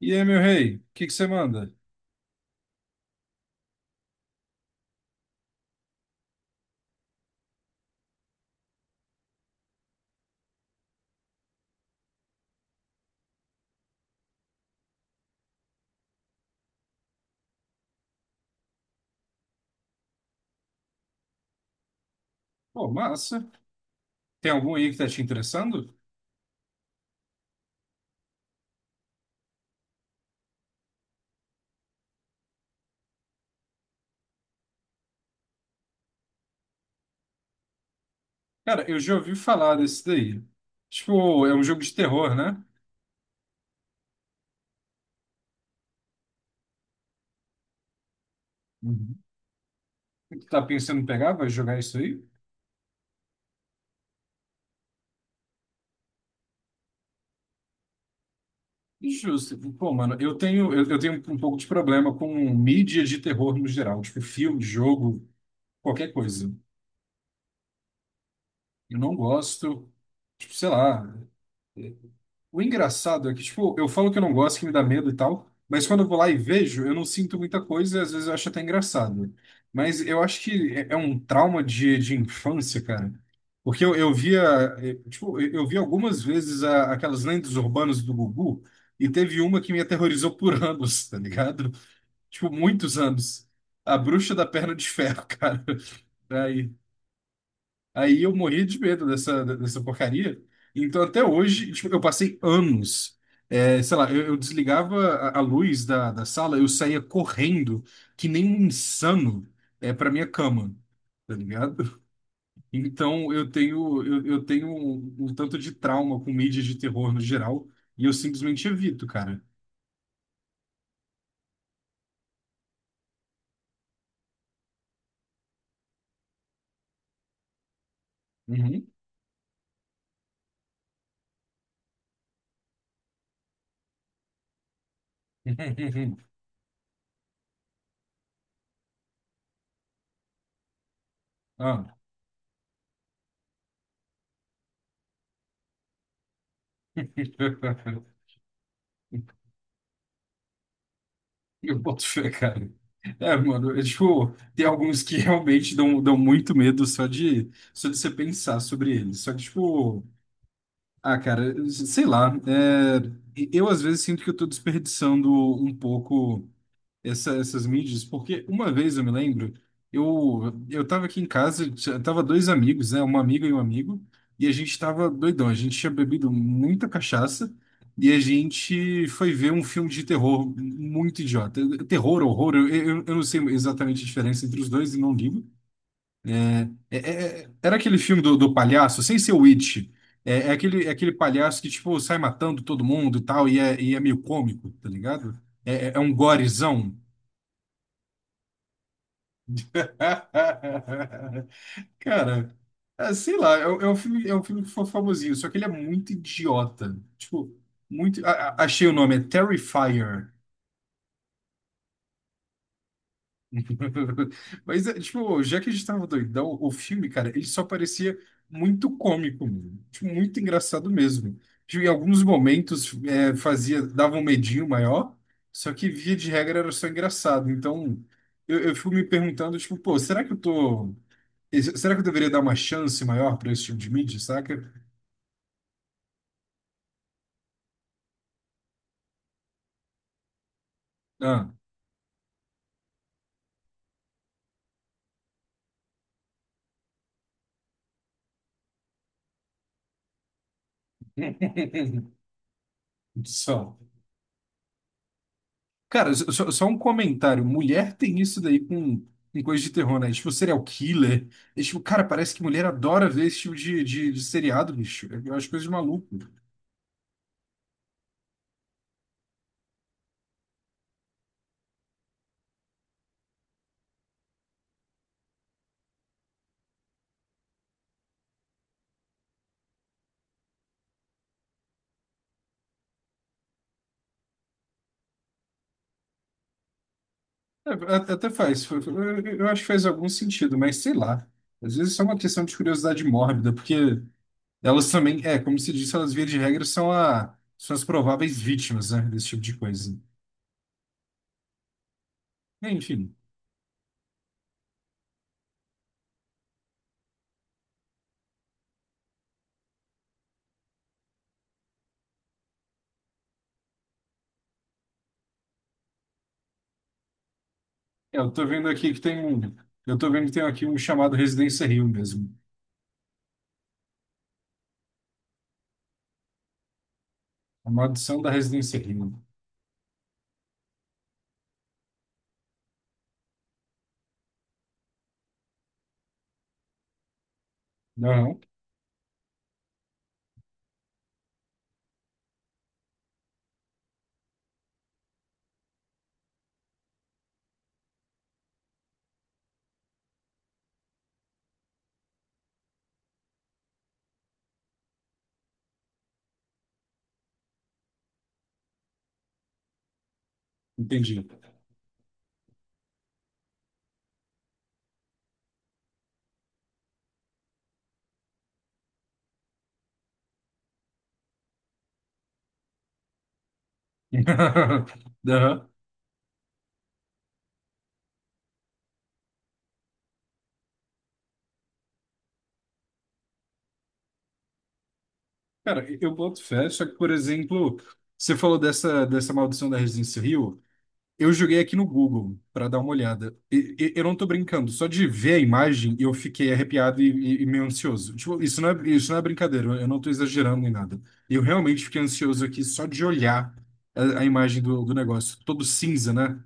E aí, meu rei, o que que você manda? Pô, massa. Tem algum aí que tá te interessando? Cara, eu já ouvi falar desse daí. Tipo, é um jogo de terror, né? Uhum. Tá pensando em pegar, vai jogar isso aí? Injusto. Pô, mano, eu tenho um pouco de problema com mídia de terror no geral. Tipo, filme, jogo, qualquer coisa. Eu não gosto, tipo, sei lá. O engraçado é que, tipo, eu falo que eu não gosto, que me dá medo e tal, mas quando eu vou lá e vejo, eu não sinto muita coisa e às vezes eu acho até engraçado. Mas eu acho que é um trauma de infância, cara. Porque eu via, tipo, eu vi algumas vezes aquelas lendas urbanas do Gugu e teve uma que me aterrorizou por anos, tá ligado? Tipo, muitos anos. A Bruxa da Perna de Ferro, cara. Aí, aí eu morri de medo dessa porcaria. Então, até hoje, tipo, eu passei anos. É, sei lá, eu desligava a luz da sala, eu saía correndo, que nem um insano, é, para minha cama, tá ligado? Então, eu tenho um, um tanto de trauma com mídias de terror no geral, e eu simplesmente evito, cara. Uhum. Ah. Eu boto fé, cara. É, mano, é, tipo, tem alguns que realmente dão muito medo só de você pensar sobre eles. Só que, tipo, ah, cara, sei lá. É, eu às vezes sinto que eu tô desperdiçando um pouco essas mídias, porque uma vez eu me lembro, eu estava aqui em casa, tava dois amigos, né, uma amiga e um amigo, e a gente tava doidão, a gente tinha bebido muita cachaça e a gente foi ver um filme de terror muito idiota, terror, horror, eu não sei exatamente a diferença entre os dois e não ligo. Era aquele filme do, do palhaço, sem ser o It. É, é aquele palhaço que, tipo, sai matando todo mundo e tal, e é meio cômico, tá ligado? É, é um gorezão. Cara, ah, sei lá, é um filme que foi famosinho, só que ele é muito idiota. Tipo, muito. Achei o nome, é Terrifier. Mas, é, tipo, já que a gente tava doidão, o filme, cara, ele só parecia muito cômico, mano. Tipo, muito engraçado mesmo. Tipo, em alguns momentos é, fazia, dava um medinho maior, só que via de regra era só engraçado. Então, eu fico me perguntando, tipo, pô, será que eu tô. Será que eu deveria dar uma chance maior pra esse tipo de mídia, saca? Ah. Só. Cara, um comentário. Mulher tem isso daí com coisa de terror, né? Tipo, serial killer. É, tipo, cara, parece que mulher adora ver esse tipo de seriado, bicho. Eu acho coisa de maluco. É, é, até faz. Eu acho que faz algum sentido, mas sei lá. Às vezes é só uma questão de curiosidade mórbida, porque elas também, é, como se disse, elas via de regra são, a, são as prováveis vítimas, né, desse tipo de coisa. Enfim, é, eu tô vendo aqui que tem um. Eu tô vendo que tem aqui um chamado Residência Rio mesmo. A maldição da Residência Rio. Não, entendi. Aham. Cara, eu boto fé, só que, por exemplo, você falou dessa, dessa maldição da Residência Rio, eu joguei aqui no Google para dar uma olhada. Eu não tô brincando, só de ver a imagem eu fiquei arrepiado e, e meio ansioso. Tipo, isso não é brincadeira, eu não tô exagerando em nada. Eu realmente fiquei ansioso aqui só de olhar a imagem do, do negócio, todo cinza, né?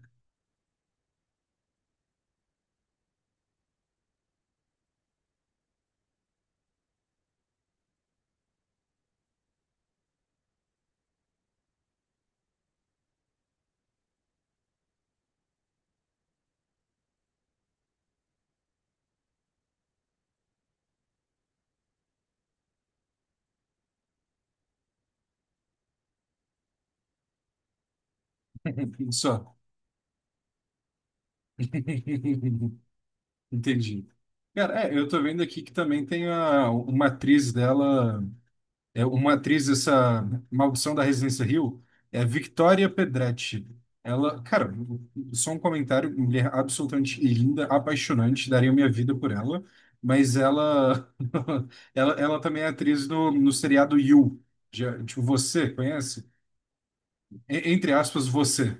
Só. Entendi. Cara, é, eu tô vendo aqui que também tem a, uma atriz dela, é uma atriz dessa Maldição da Residência Hill, é Victoria Pedretti. Ela, cara, só um comentário, mulher absolutamente linda, apaixonante, daria minha vida por ela, mas ela ela também é atriz no, no seriado You. Já, tipo, você conhece? Entre aspas, você.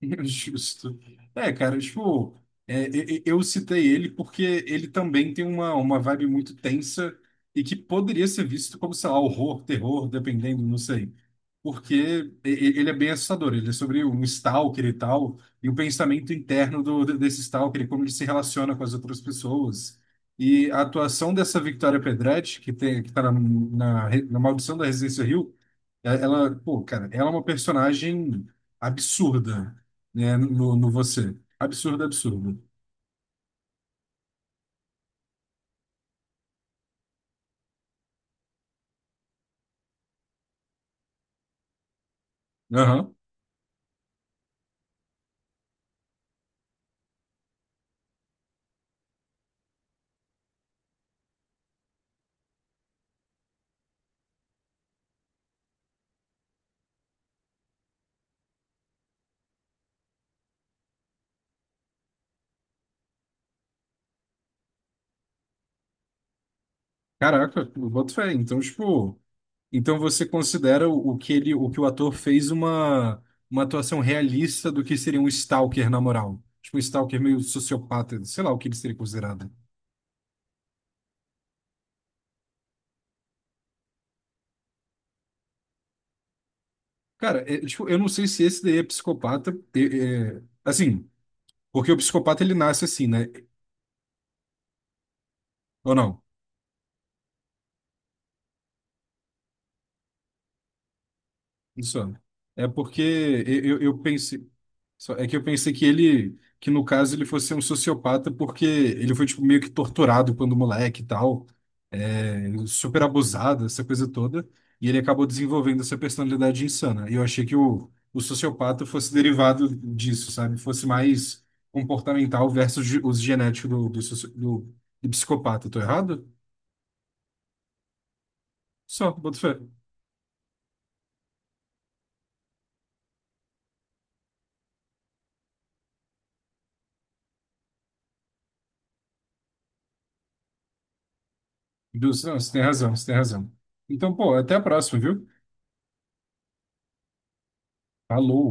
Justo. É, cara, tipo, é, eu citei ele porque ele também tem uma vibe muito tensa e que poderia ser visto como, sei lá, horror, terror, dependendo, não sei. Porque ele é bem assustador, ele é sobre um stalker e tal, e o pensamento interno do, desse stalker, e como ele se relaciona com as outras pessoas. E a atuação dessa Victoria Pedretti, que tem, que tá na, na, na Maldição da Residência Hill, ela, pô, cara, ela é uma personagem absurda, né, no, no você. Absurda, absurda. Aham. Caraca, eu boto fé. Então, tipo, então você considera o que ele, o que o ator fez uma atuação realista do que seria um stalker na moral. Tipo, um stalker meio sociopata, sei lá o que ele seria considerado. Cara, é, tipo, eu não sei se esse daí é psicopata, é, é, assim, porque o psicopata ele nasce assim, né? Ou não? Isso. É porque eu, eu pensei. É que eu pensei que ele, que no caso ele fosse um sociopata porque ele foi tipo, meio que torturado quando moleque e tal, é, super abusado, essa coisa toda, e ele acabou desenvolvendo essa personalidade insana. E eu achei que o sociopata fosse derivado disso, sabe? Fosse mais comportamental versus os genéticos do, do, do, do psicopata. Tô errado? Só, boto fé. Não, você tem razão, você tem razão. Então, pô, até a próxima, viu? Falou.